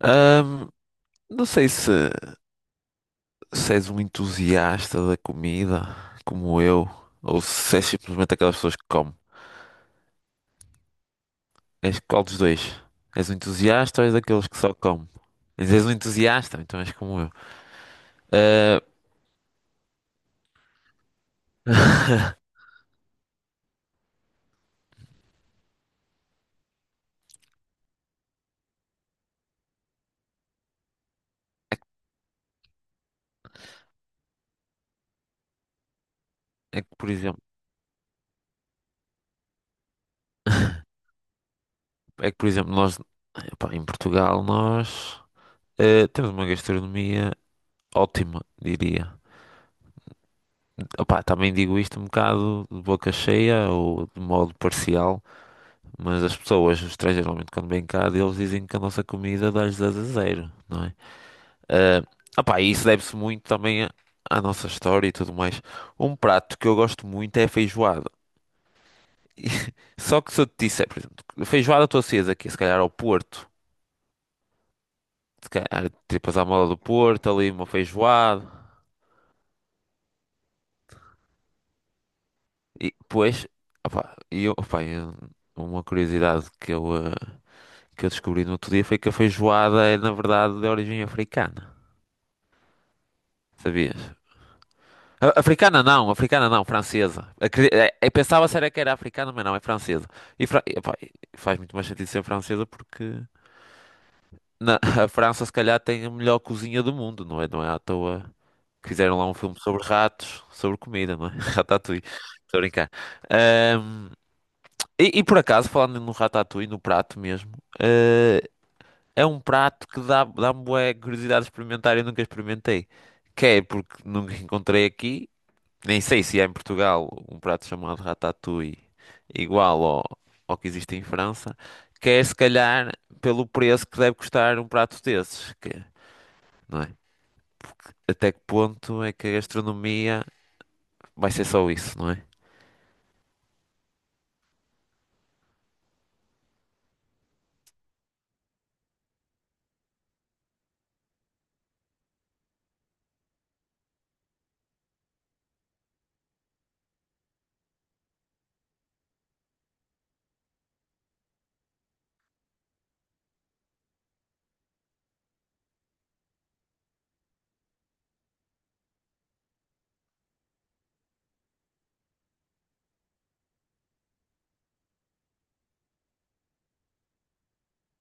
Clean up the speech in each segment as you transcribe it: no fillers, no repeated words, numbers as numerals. Ahm, não sei se, és um entusiasta da comida, como eu, ou se és simplesmente aquelas pessoas que comem. És qual dos dois? És um entusiasta ou és daqueles que só comem? Mas és um entusiasta, então és como eu. Ah, é, que, por exemplo, é que, por exemplo, em Portugal, nós temos uma gastronomia ótima, diria. Opá, também digo isto um bocado de boca cheia ou de modo parcial, mas as pessoas, os estrangeiros, geralmente quando vêm cá, eles dizem que a nossa comida dá-lhes 10 a zero, não é? Opá, e isso deve-se muito também à nossa história e tudo mais. Um prato que eu gosto muito é a feijoada. E- Só que se eu te disser, por exemplo, feijoada estou acesa aqui, se calhar ao Porto, se calhar tripas à moda do Porto, ali uma feijoada. E depois, opá, e eu, opá, eu- uma curiosidade que eu descobri no outro dia foi que a feijoada é, na verdade, de origem africana. Sabias? Africana não, francesa. Eu pensava se era que era africana, mas não, é francesa. E fra- e, Faz muito mais sentido ser francesa porque na- a França se calhar tem a melhor cozinha do mundo, não é? Não é à toa que fizeram lá um filme sobre ratos, sobre comida, não é? Ratatouille. Estou a brincar. Ahm, e por acaso, falando no ratatouille, no prato mesmo, eh, é um prato que dá, dá-me bué curiosidade de experimentar e eu nunca experimentei. Que é porque nunca encontrei aqui nem sei se há em Portugal um prato chamado ratatouille igual ao que existe em França, que é se calhar pelo preço que deve custar um prato desses, não é? Até que ponto é que a gastronomia vai ser só isso, não é?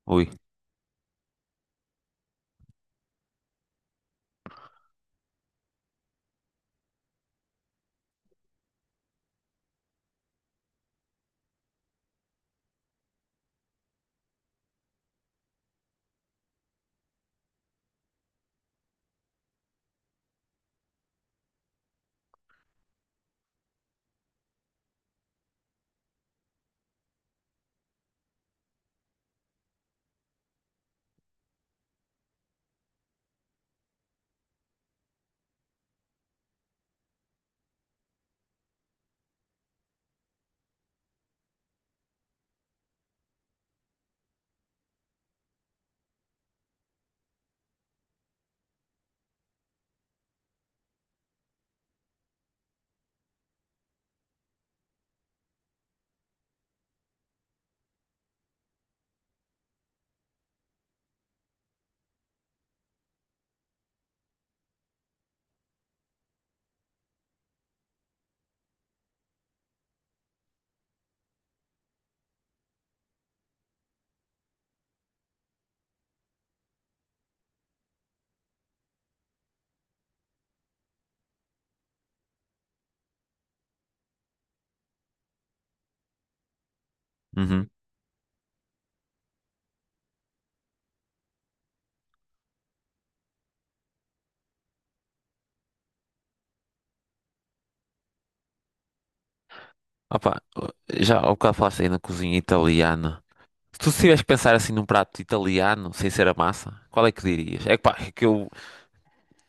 Ui. Uhum. Opa, já ao bocado falaste aí na cozinha italiana. Se tu tivesse que pensar assim num prato italiano, sem ser a massa, qual é que dirias? É que pá,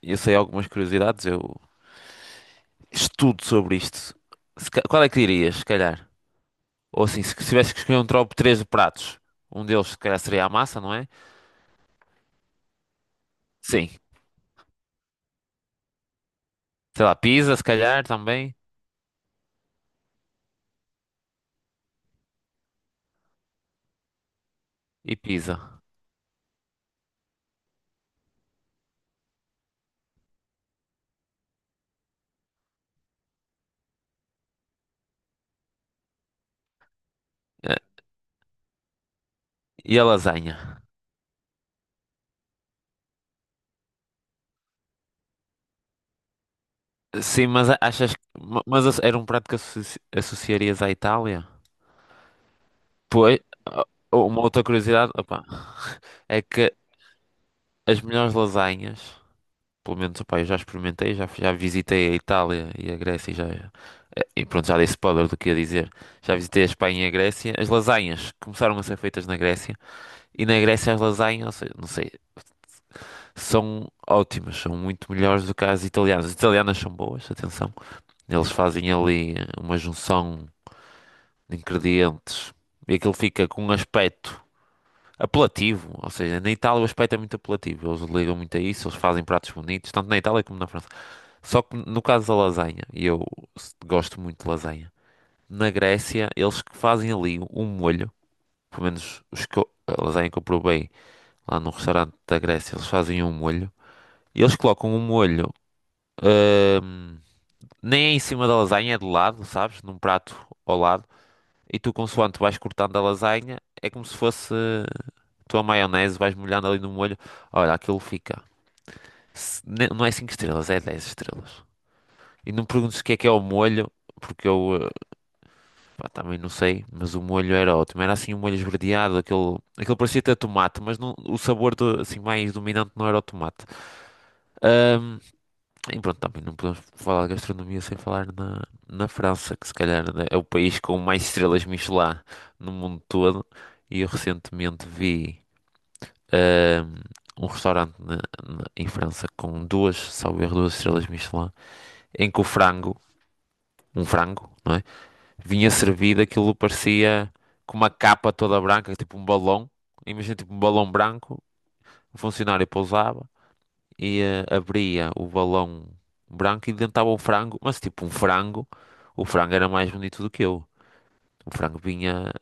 eu sei algumas curiosidades, eu estudo sobre isto. Se ca- Qual é que dirias, se calhar? Ou assim, se tivesse que escolher um top 3 de pratos, um deles se calhar seria a massa, não é? Sim. Sei lá, pizza, se calhar também. E pizza. Eh, E a lasanha. Sim, achas que. Mas era um prato que associarias à Itália? Pois. ah, Uma outra curiosidade, opa, é que as melhores lasanhas, pelo menos, opa, eu já experimentei, já visitei a Itália e a Grécia e já. E pronto, já dei spoiler do que ia dizer. Já visitei a Espanha e a Grécia. As lasanhas começaram a ser feitas na Grécia. E na Grécia as lasanhas, ou seja, não sei, são ótimas, são muito melhores do que as italianas. As italianas são boas, atenção. Eles fazem ali uma junção de ingredientes e aquilo fica com um aspecto apelativo. Ou seja, na Itália o aspecto é muito apelativo. Eles ligam muito a isso, eles fazem pratos bonitos, tanto na Itália como na França. Só que no caso da lasanha, e eu gosto muito de lasanha, na Grécia eles que fazem ali um molho, pelo menos a lasanha que eu provei lá num restaurante da Grécia, eles fazem um molho e eles colocam um molho, ahm, nem é em cima da lasanha, é de lado, sabes? Num prato ao lado. E tu, consoante vais cortando a lasanha, é como se fosse tua maionese, vais molhando ali no molho. Olha, aquilo fica. Não é 5 estrelas, é 10 estrelas. E não me perguntes o que é o molho, porque eu pá, também não sei, mas o molho era ótimo. Era assim um molho esverdeado, aquele parecia ter tomate, mas não, o sabor assim, mais dominante não era o tomate. Ahm, E pronto, também não podemos falar de gastronomia sem falar na, na França, que se calhar né, é o país com mais estrelas Michelin no mundo todo. E eu recentemente vi ahm, um restaurante em França com duas, salvo erro, duas estrelas Michelin, em que o frango, um frango, não é? Vinha servido, aquilo parecia com uma capa toda branca, tipo um balão. Imagina tipo um balão branco, o funcionário pousava e abria o balão branco e dentro estava um frango, mas tipo um frango. O frango era mais bonito do que eu. O frango vinha,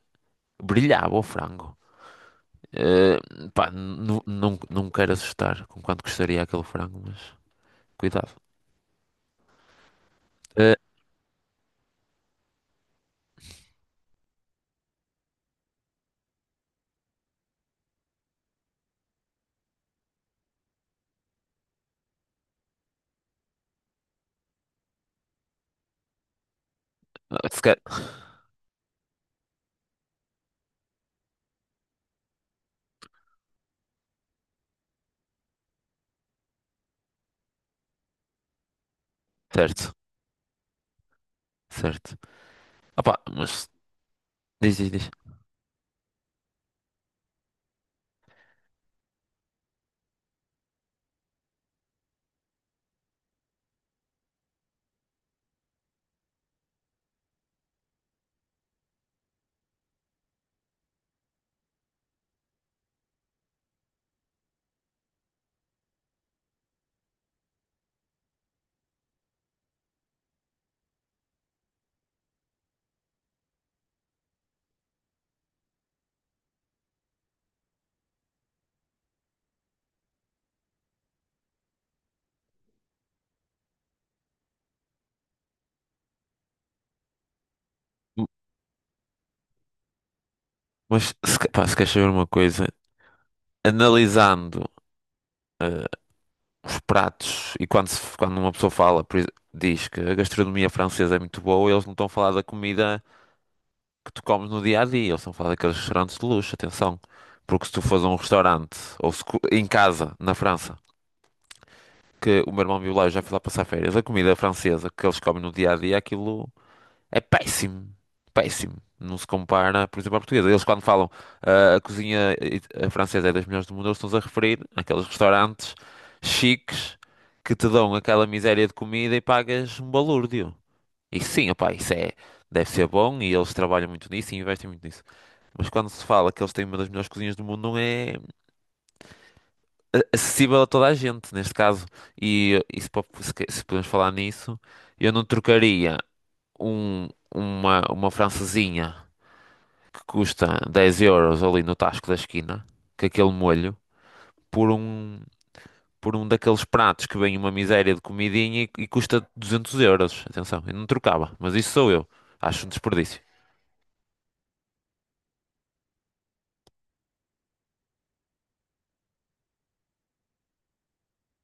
brilhava o frango. Eh, Pá, não quero assustar com quanto custaria aquele frango, mas cuidado. Eh, se ca- Certo, certo. Opa, mas diz, diz, diz. M- Mas se, pá, se queres saber uma coisa, analisando eh, os pratos, e quando, quando uma pessoa fala, diz que a gastronomia francesa é muito boa, eles não estão a falar da comida que tu comes no dia a dia, eles estão a falar daqueles restaurantes de luxo, atenção. Porque se tu fores a um restaurante, ou se, em casa, na França, que o meu irmão viu lá, eu já fui lá passar férias, a comida francesa que eles comem no dia a dia, aquilo. É péssimo. Péssimo. Não se compara, por exemplo, à portuguesa. Eles, quando falam ah, a cozinha i- a francesa é das melhores do mundo, eles estão-se a referir àqueles restaurantes chiques que te dão aquela miséria de comida e pagas um balúrdio. E sim, opá, isso é, deve ser bom e eles trabalham muito nisso e investem muito nisso. Mas quando se fala que eles têm uma das melhores cozinhas do mundo, não é acessível a toda a gente, neste caso. E se, po- se que- Se podemos falar nisso, eu não trocaria um, uma francesinha que custa 10 euros ali no tasco da esquina, com aquele molho, por um, por um daqueles pratos que vem uma miséria de comidinha e custa 200 euros. Atenção, eu não trocava, mas isso sou eu. Acho um desperdício.